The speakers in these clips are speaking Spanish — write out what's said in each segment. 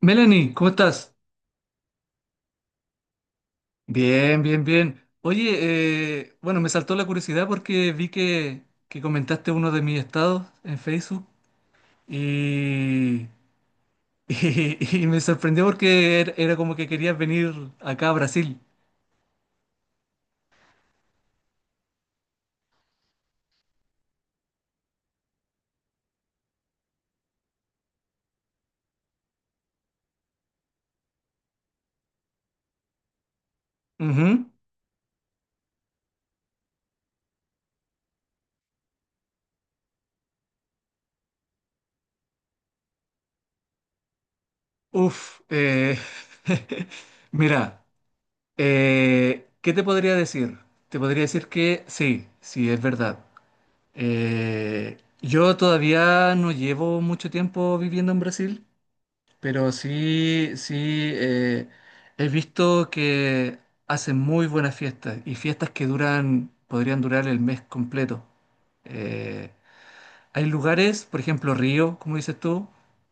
Melanie, ¿cómo estás? Bien, bien, bien. Oye, bueno, me saltó la curiosidad porque que comentaste uno de mis estados en Facebook y, y, me sorprendió porque era como que querías venir acá a Brasil. Ujú. Uf, mira, ¿qué te podría decir? Te podría decir que sí, sí, es verdad. Yo todavía no llevo mucho tiempo viviendo en Brasil. Pero sí, sí, eh, he visto que hacen muy buenas fiestas y fiestas que podrían durar el mes completo. Eh, Hay lugares, por ejemplo, Río, como dices tú,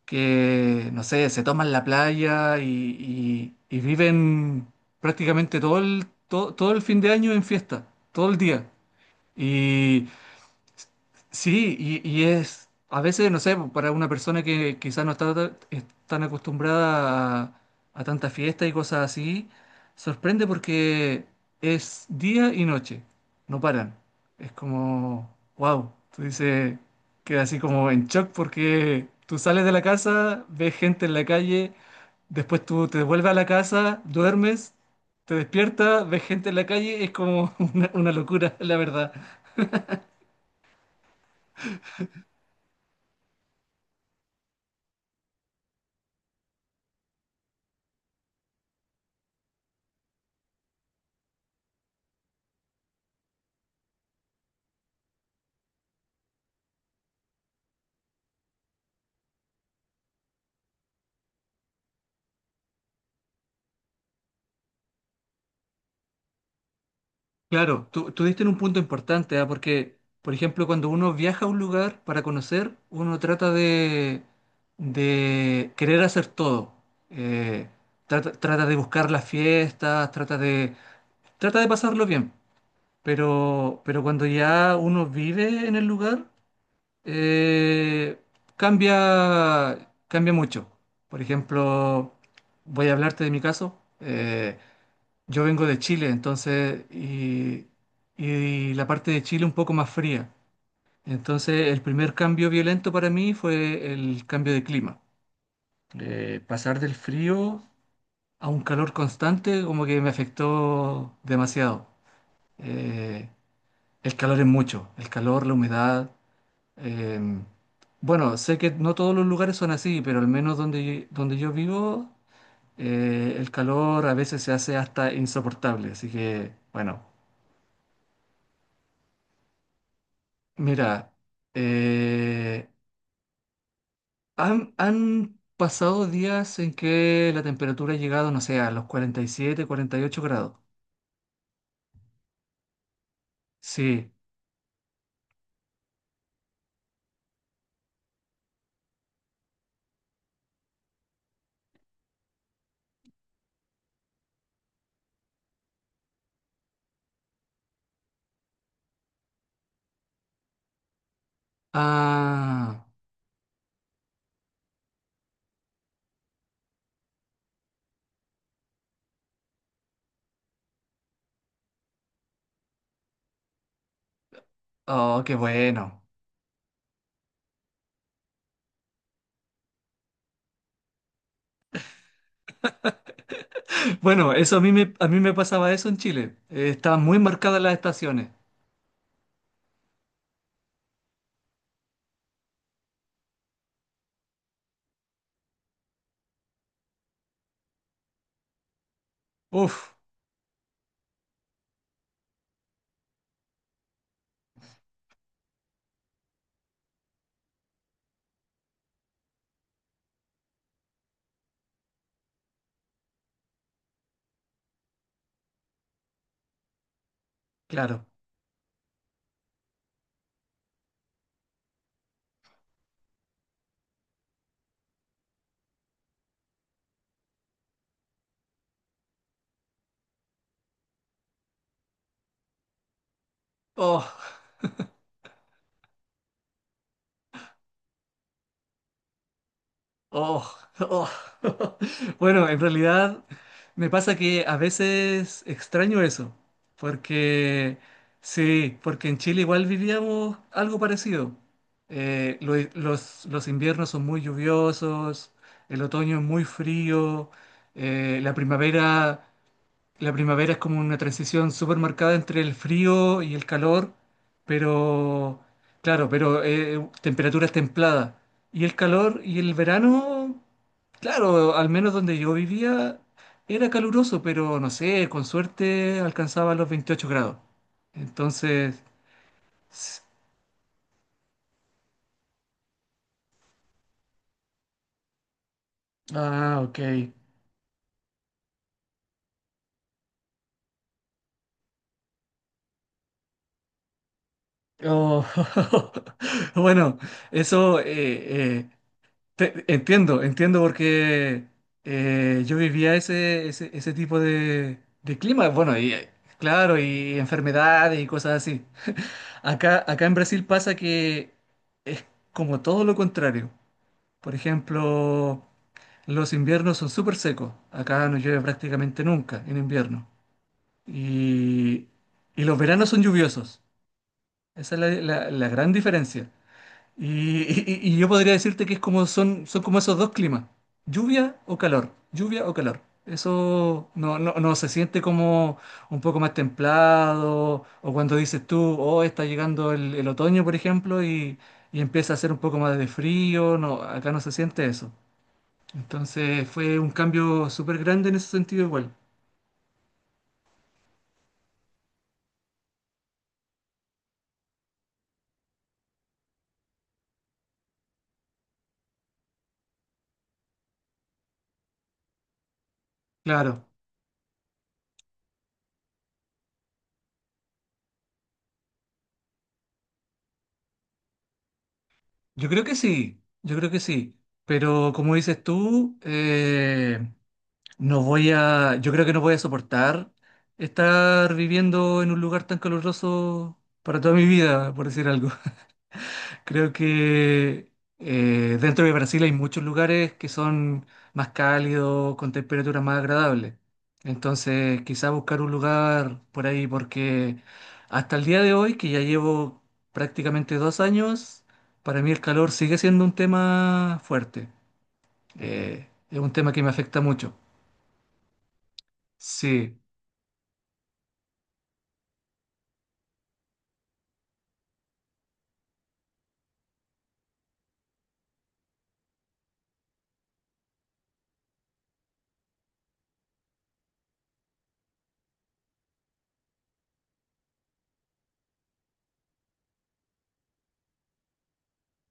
que, no sé, se toman la playa y viven prácticamente todo el fin de año en fiesta, todo el día. Sí, y, a veces, no sé, para una persona que quizás no está ta- es tan acostumbrada a tanta fiesta y cosas así, sorprende porque es día y noche, no paran. Es como, wow, tú dices, queda así como en shock porque tú sales de la casa, ves gente en la calle, después tú te devuelves a la casa, duermes, te despiertas, ves gente en la calle, es como una locura, la verdad. Claro, tú diste en un punto importante, ¿ah? Porque, por ejemplo, cuando uno viaja a un lugar para conocer, uno de querer hacer todo. Eh, trata de buscar las fiestas, trata de pasarlo bien. Pero cuando ya uno vive en el lugar, eh, cambia mucho. Por ejemplo, voy a hablarte de mi caso. Yo vengo de Chile, entonces, y la parte de Chile un poco más fría. Entonces, el primer cambio violento para mí fue el cambio de clima. Pasar del frío a un calor constante como que me afectó demasiado. Eh, el calor es mucho, el calor, la humedad. em, bueno, sé que no todos los lugares son así, pero al menos donde yo vivo, el calor a veces se hace hasta insoportable. Así que, bueno. Mira, eh, han pasado días en que la temperatura ha llegado, no sé, a los 40 47, 48 grados. Sí. Ah, oh, qué bueno. Bueno, eso a mí me pasaba eso en Chile. Estaban muy marcadas las estaciones. Uf, claro. Oh. Oh, oh. Bueno, en realidad me pasa que a veces extraño eso, porque sí, porque en Chile igual vivíamos algo parecido. Eh, lo- los inviernos son muy lluviosos, el otoño es muy frío, eh, la primavera es como una transición súper marcada entre el frío y el calor, pero claro, pero temperaturas templadas. Y el calor y el verano, claro, al menos donde yo vivía era caluroso, pero no sé, con suerte alcanzaba los 28 grados. Entonces, s- ah, ok. Oh, bueno, eso eh, eh, entiendo, entiendo porque yo vivía ese tipo de clima, bueno, y claro, y enfermedades y cosas así. Acá en Brasil pasa que es como todo lo contrario. Por ejemplo, los inviernos son súper secos. Acá no llueve prácticamente nunca en invierno. Y, y los veranos son lluviosos. Esa es la gran diferencia. Y yo podría decirte que es como son, son como esos dos climas, lluvia o calor, lluvia o calor. Eso no, no, no se siente como un poco más templado, o cuando dices tú, oh, está llegando el otoño, por ejemplo, y empieza a hacer un poco más de frío, no, acá no se siente eso. Entonces fue un cambio súper grande en ese sentido igual. Claro, yo creo que sí, yo creo que sí, pero como dices tú, no voy a, yo creo que no voy a soportar estar viviendo en un lugar tan caluroso para toda mi vida, por decir algo. Creo que dentro de Brasil hay muchos lugares que son más cálidos, con temperaturas más agradables. Entonces, quizá buscar un lugar por ahí, porque hasta el día de hoy, que ya llevo prácticamente 2 años, para mí el calor sigue siendo un tema fuerte. Es un tema que me afecta mucho. Sí.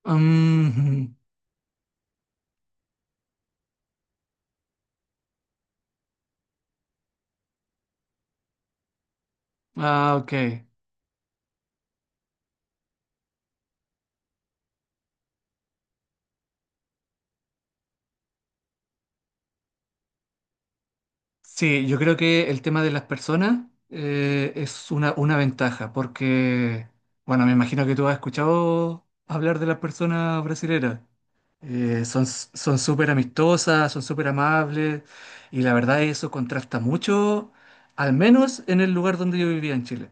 Mm, ah, ok. Sí, yo creo que el tema de las personas es una ventaja, porque, bueno, me imagino que tú has escuchado hablar de las personas brasileras. Son, son súper amistosas, son súper amables, y la verdad eso contrasta mucho, al menos en el lugar donde yo vivía en Chile.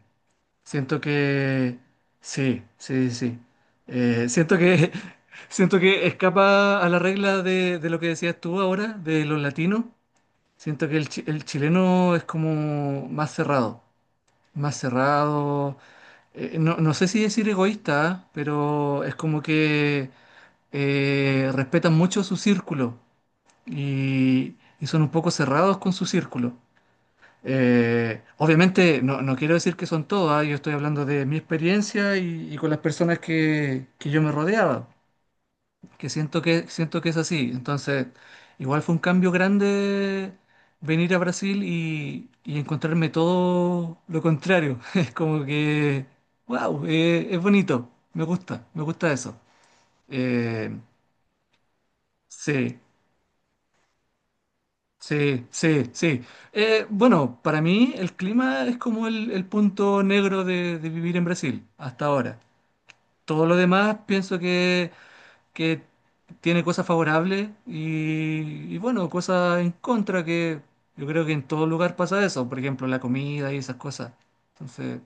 Siento que sí, sí, sí. Sí. Siento que siento que escapa a la regla de lo que decías tú ahora, de los latinos. Siento que el chileno es como más cerrado, más cerrado. No, no sé si decir egoísta, ¿ah? Pero es como que respetan mucho su círculo y son un poco cerrados con su círculo. Obviamente no, no quiero decir que son todas, yo estoy hablando de mi experiencia y con las personas que yo me rodeaba, que siento que, siento que es así. Entonces, igual fue un cambio grande venir a Brasil y encontrarme todo lo contrario. Es como que, wow, es bonito, me gusta eso. Eh, sí. Sí, sí, sí. Bueno, para mí el clima es como el punto negro de vivir en Brasil hasta ahora. Todo lo demás pienso que tiene cosas favorables y, bueno, cosas en contra que yo creo que en todo lugar pasa eso. Por ejemplo, la comida y esas cosas. Entonces,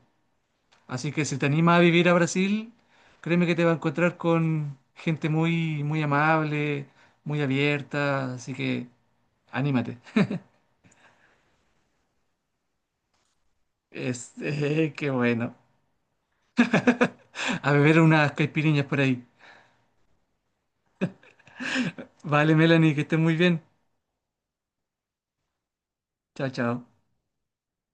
así que si te animas a vivir a Brasil, créeme que te vas a encontrar con gente muy, muy amable, muy abierta. Así que anímate. Este, qué bueno. A beber unas caipiriñas por ahí. Vale, Melanie, que estés muy bien. Chao, chao.